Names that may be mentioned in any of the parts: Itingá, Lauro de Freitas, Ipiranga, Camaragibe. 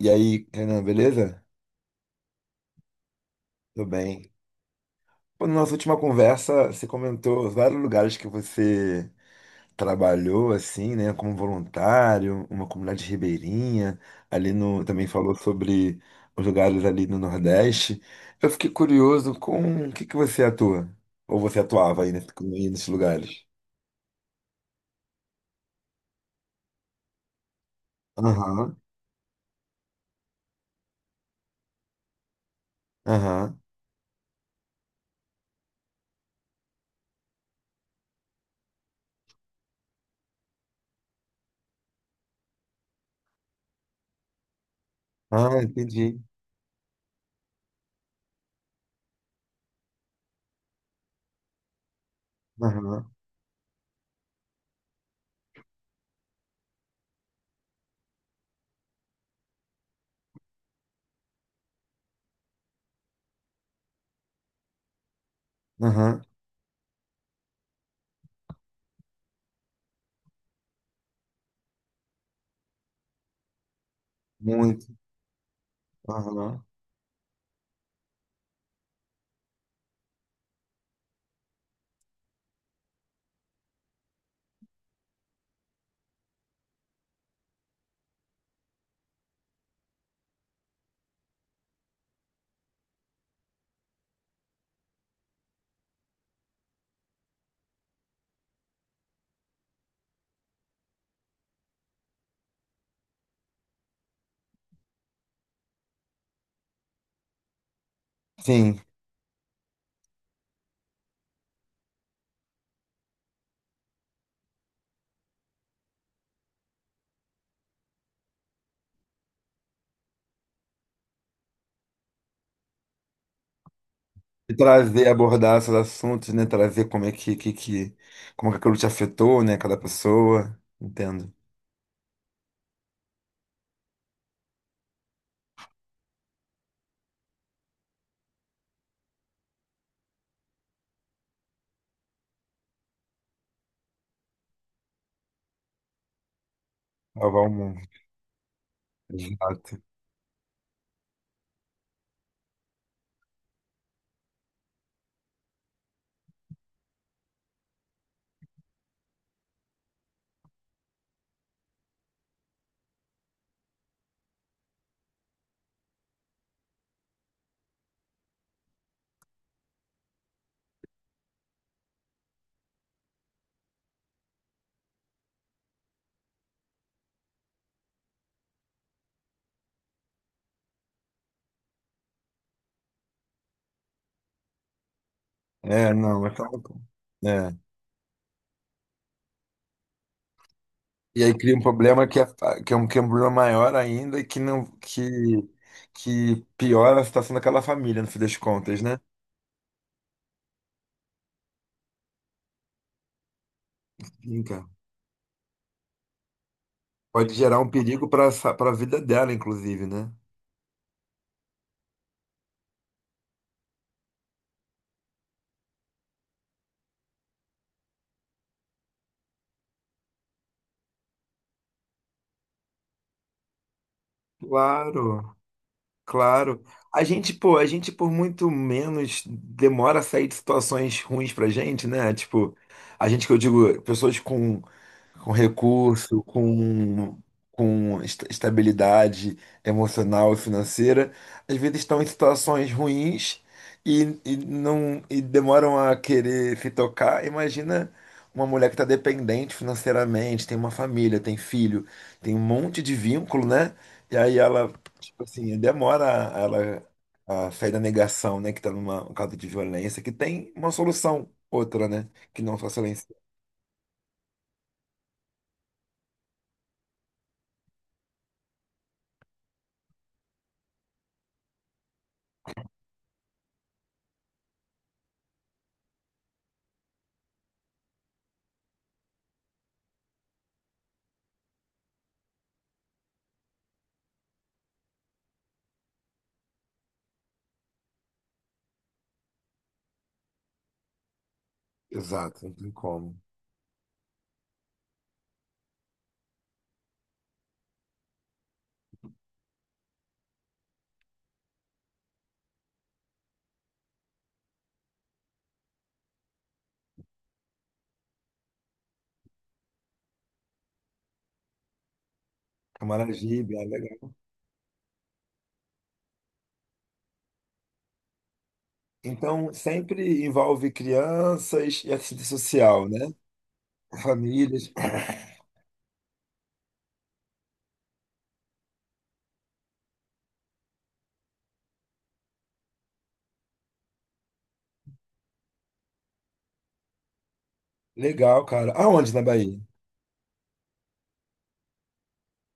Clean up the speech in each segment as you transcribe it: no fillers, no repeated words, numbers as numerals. E aí, Renan, beleza? Tudo bem. Pô, na nossa última conversa, você comentou vários lugares que você trabalhou, assim, né, como voluntário, uma comunidade ribeirinha, ali no, também falou sobre os lugares ali no Nordeste. Eu fiquei curioso com o que que você atua, ou você atuava aí, aí nesses lugares? Aham, aham. Ah, entendi. Aham, aham. Muito. Aham. Sim. E trazer, abordar esses assuntos, né? Trazer como é que, que, como é que aquilo te afetou, né? Cada pessoa. Entendo. Salvar o mundo. Exato. É, não, é claro. É. E aí cria um problema que é um problema maior ainda e que não, que piora a situação daquela família, no fim das contas, né? Sim, cara. Pode gerar um perigo para a vida dela, inclusive, né? Claro. Claro. A gente, pô, a gente por muito menos demora a sair de situações ruins pra gente, né? Tipo, a gente que eu digo, pessoas com recurso, com estabilidade emocional e financeira, às vezes estão em situações ruins e não e demoram a querer se tocar. Imagina uma mulher que está dependente financeiramente, tem uma família, tem filho, tem um monte de vínculo, né? E aí ela, tipo assim, ela a sair da negação, né? Que está numa causa de violência, que tem uma solução outra, né? Que não só silêncio. Exato, não tem como. Camaragibe, ah, legal. Então, sempre envolve crianças e assistente social, né? Famílias. Legal, cara. Aonde na Bahia?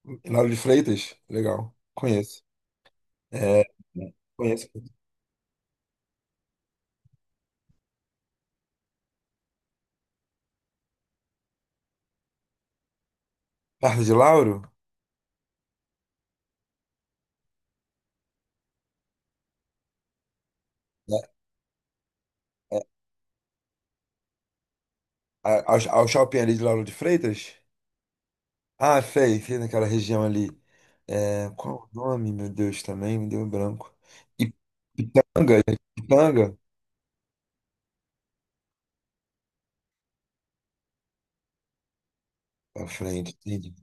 Em Lauro de Freitas? Legal. Conheço. É, né? Conheço. Perto de Lauro? Né? É, ao, ao shopping ali de Lauro de Freitas? Ah, sei, sei naquela região ali. É, qual o nome, meu Deus, também? Me deu um branco. Ip- Ipiranga? Ipiranga? Pra frente, entendi.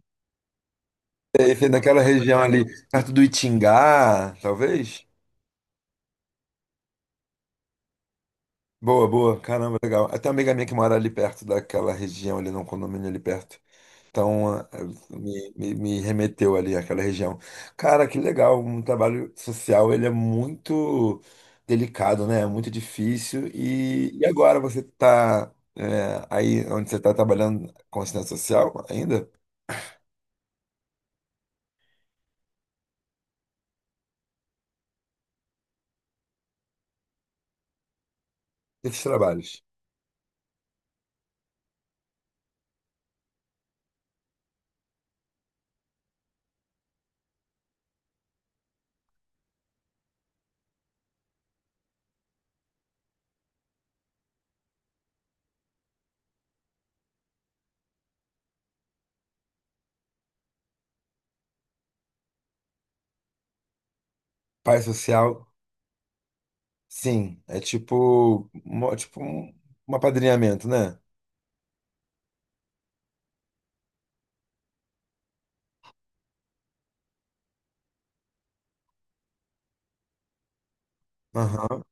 Sei, sei naquela região ali, perto do Itingá, talvez? Boa, boa. Caramba, legal. Até uma amiga minha que mora ali perto daquela região, ali num condomínio ali perto. Então, ah, me remeteu ali àquela região. Cara, que legal. Um trabalho social, ele é muito delicado, né? É muito difícil. E agora você está aí onde você está trabalhando com assistência social ainda? Esses trabalhos. Pai social, sim. É tipo, é tipo um, um apadrinhamento, né? Aham.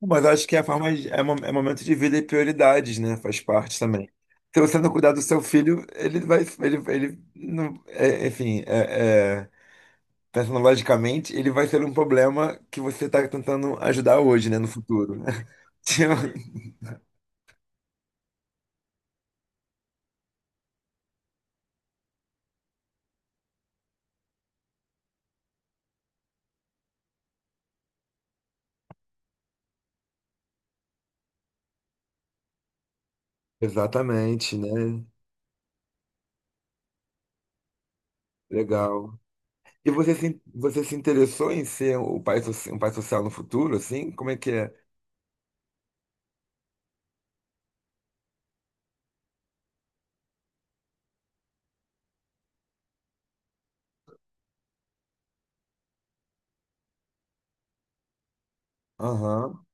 Mas acho que é a é, é momento de vida e prioridades, né? Faz parte também. Se você não cuidar do seu filho, ele vai, ele não, enfim, é, pensando logicamente, ele vai ser um problema que você está tentando ajudar hoje, né? No futuro. Né? Tipo, exatamente, né? Legal. E você se interessou em ser o pai, um pai social no futuro, assim? Como é que é? Aham.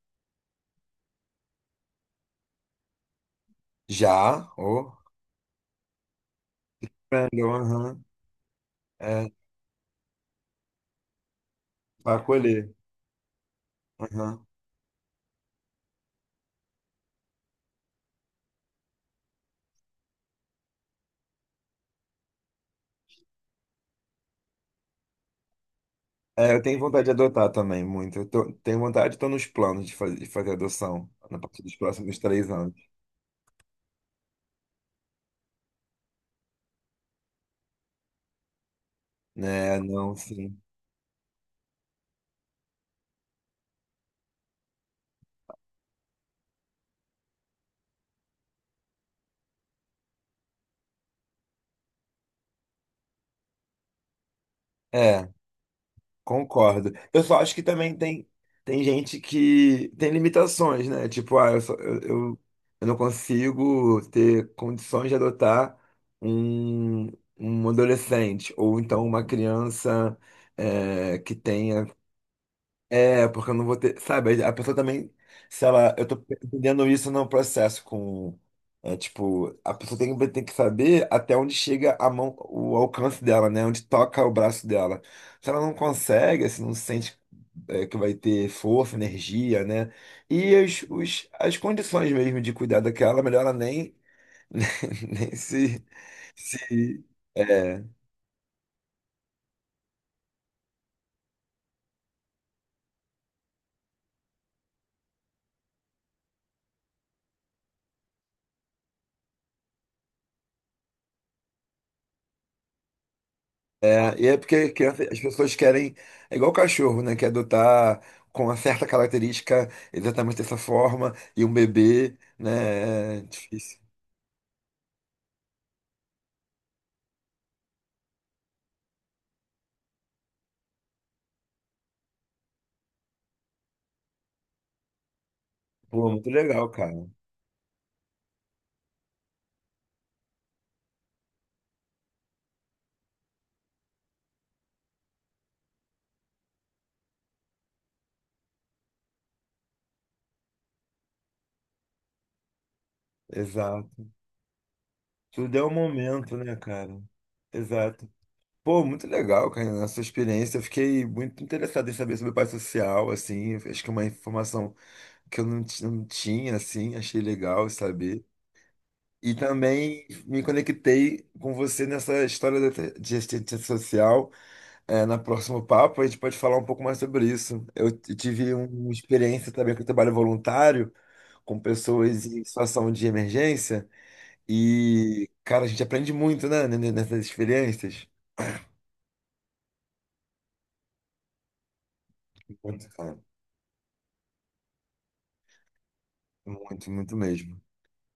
Já? Oh. Aprendeu. Aham. É, para acolher. Aham. É, eu tenho vontade de adotar também, muito. Tenho vontade, estou nos planos de fazer adoção a partir dos próximos 3 anos. Né, não, sim. É, concordo. Eu só acho que também tem, tem gente que tem limitações, né? Tipo, ah, eu, eu não consigo ter condições de adotar um, um adolescente ou então uma criança é, que tenha. É, porque eu não vou ter. Sabe, a pessoa também, se ela. Eu tô entendendo isso no processo com. É tipo, a pessoa tem, tem que saber até onde chega a mão, o alcance dela, né? Onde toca o braço dela. Se ela não consegue, assim, não sente é, que vai ter força, energia, né? E os, as condições mesmo de cuidar daquela, melhor ela nem, nem se, se é. É, e é porque criança, as pessoas querem, é igual cachorro, né? Quer adotar com uma certa característica exatamente dessa forma, e um bebê, né? É difícil. Pô, muito legal, cara. Exato. Tudo é um momento, né, cara? Exato. Pô, muito legal, cara, a sua experiência. Eu fiquei muito interessado em saber sobre o pai social, assim. Acho que é uma informação que eu não, não tinha, assim. Achei legal saber. E também me conectei com você nessa de assistência social. É, na próxima papo a gente pode falar um pouco mais sobre isso. Tive um, uma experiência também com o trabalho voluntário, com pessoas em situação de emergência, e, cara, a gente aprende muito, né, nessas experiências. Muito, cara. Muito, muito mesmo.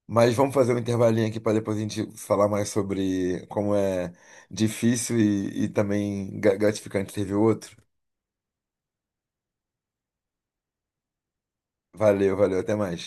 Mas vamos fazer um intervalinho aqui para depois a gente falar mais sobre como é difícil e também gratificante ter o outro. Valeu, valeu, até mais.